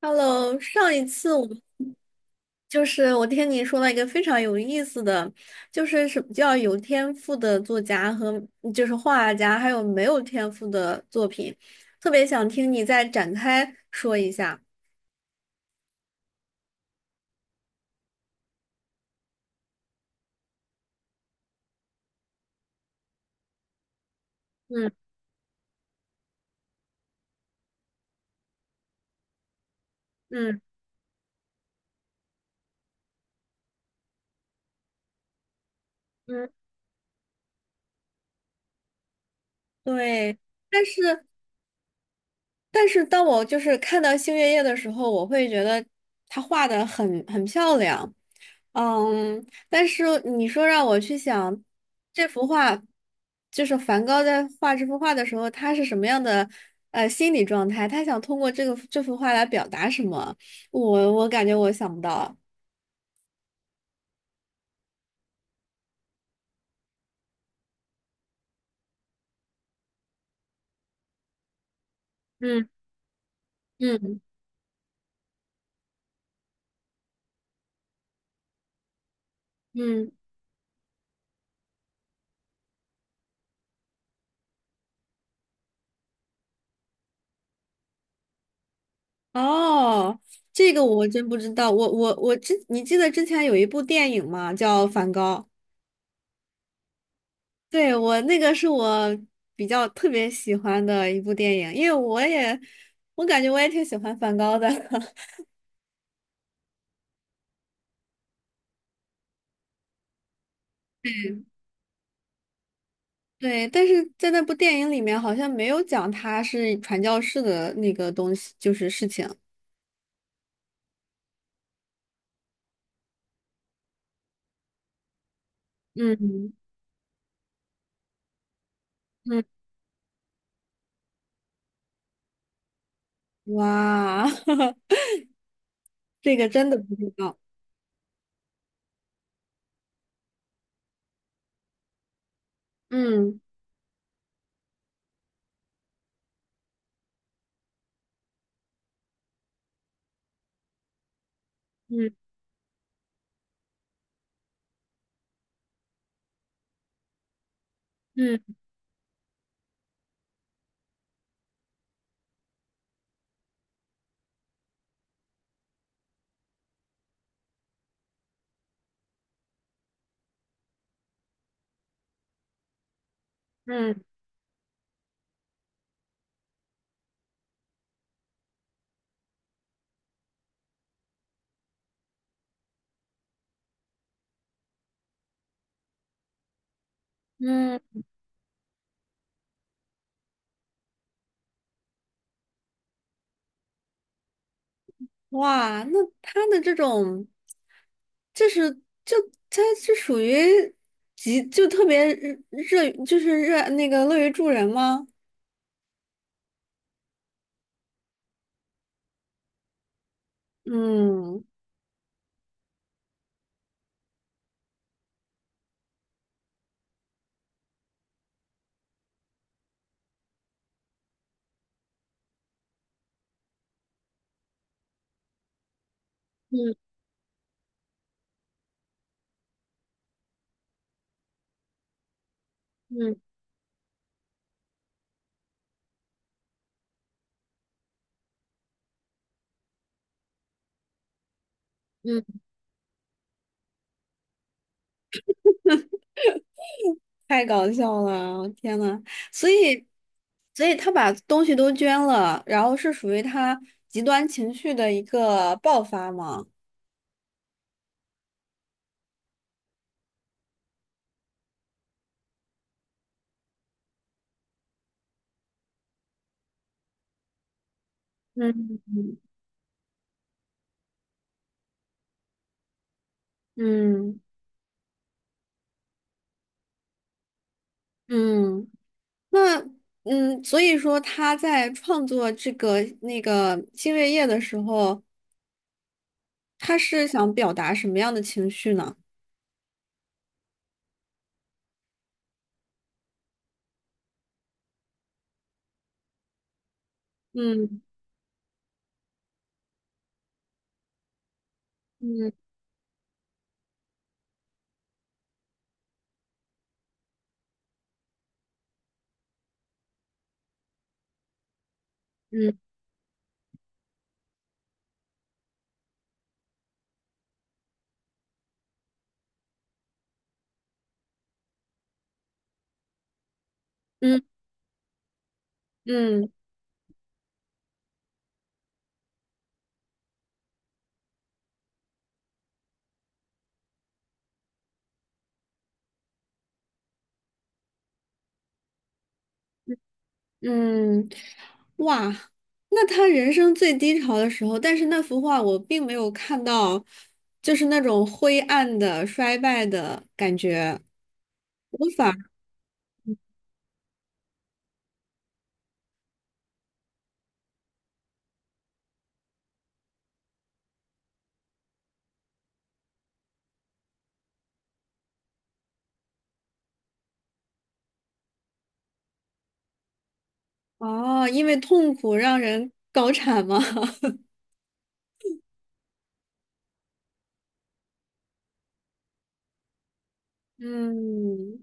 Hello，上一次我们就是我听你说了一个非常有意思的，就是什么叫有天赋的作家和就是画家，还有没有天赋的作品，特别想听你再展开说一下。嗯嗯嗯，对，但是但是当我就是看到星月夜的时候，我会觉得他画的很漂亮，但是你说让我去想这幅画，就是梵高在画这幅画的时候，他是什么样的心理状态？他想通过这幅画来表达什么？我感觉我想不到。嗯嗯嗯，哦，这个我真不知道。我我我之，你记得之前有一部电影吗？叫《梵高》。对，我那个是我比较特别喜欢的一部电影，因为我也，我感觉我也挺喜欢梵高的。对，但是在那部电影里面好像没有讲他是传教士的那个东西，就是事情。嗯嗯，哇，这个真的不知道。嗯嗯嗯嗯嗯。哇，那他的这种，就是就他是属于特别热热就是热那个乐于助人吗？嗯嗯嗯嗯，太搞笑了，天呐，所以所以他把东西都捐了，然后是属于他极端情绪的一个爆发吗？嗯嗯嗯，那所以说他在创作那个星月夜的时候，他是想表达什么样的情绪呢？嗯嗯嗯嗯嗯嗯，哇，那他人生最低潮的时候，但是那幅画我并没有看到，就是那种灰暗的、衰败的感觉。无法哦，因为痛苦让人高产吗？嗯，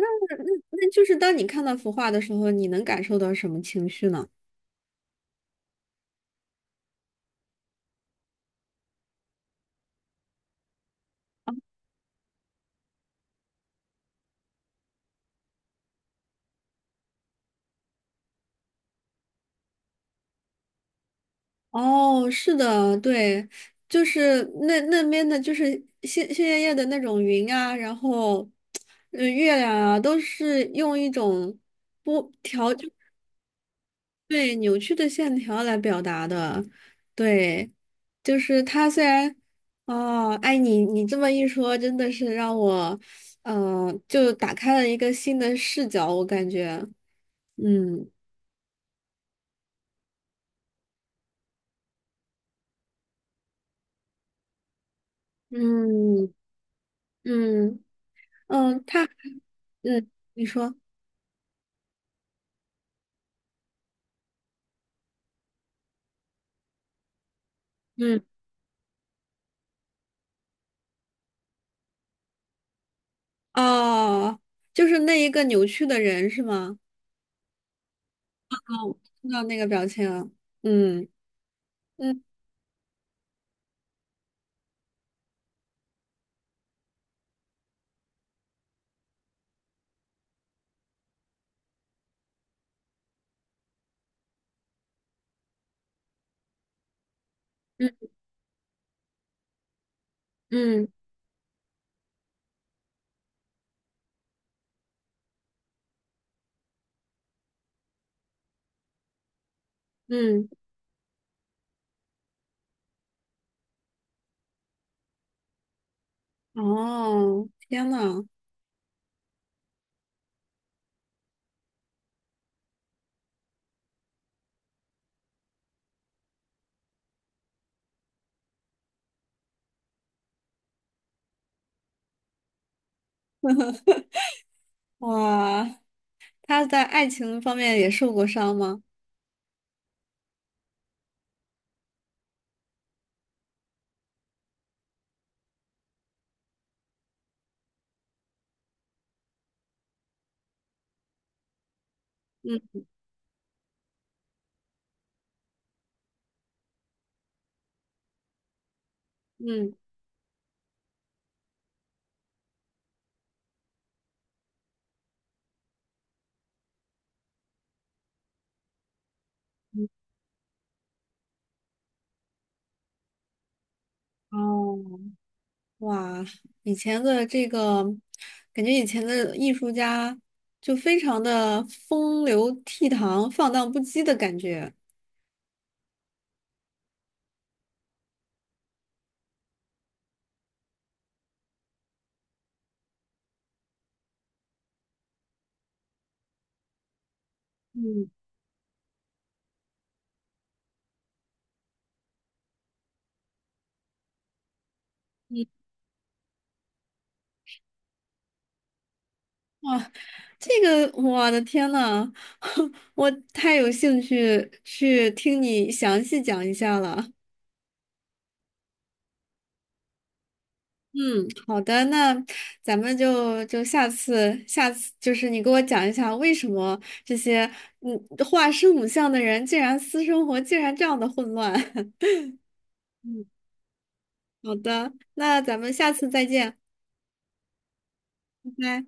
那那那就是当你看到幅画的时候，你能感受到什么情绪呢？哦，是的，对，就是那边的，就是鲜鲜艳艳的那种云啊，然后，月亮啊，都是用一种不条，对，扭曲的线条来表达的。对，就是它虽然，哦，哎，你这么一说，真的是让我，就打开了一个新的视角，我感觉。嗯嗯嗯嗯，你说。嗯。哦，就是那一个扭曲的人是吗？哦，看到那个表情了。嗯嗯嗯嗯嗯，哦，天呐，哇，他在爱情方面也受过伤吗？嗯嗯，哦，哇，以前的这个，感觉以前的艺术家就非常的风流倜傥、放荡不羁的感觉。嗯嗯哇，这个我的天呐，我太有兴趣去听你详细讲一下了。嗯，好的，那咱们就下次就是你给我讲一下为什么这些嗯画圣母像的人竟然私生活竟然这样的混乱。嗯，好的，那咱们下次再见，拜拜。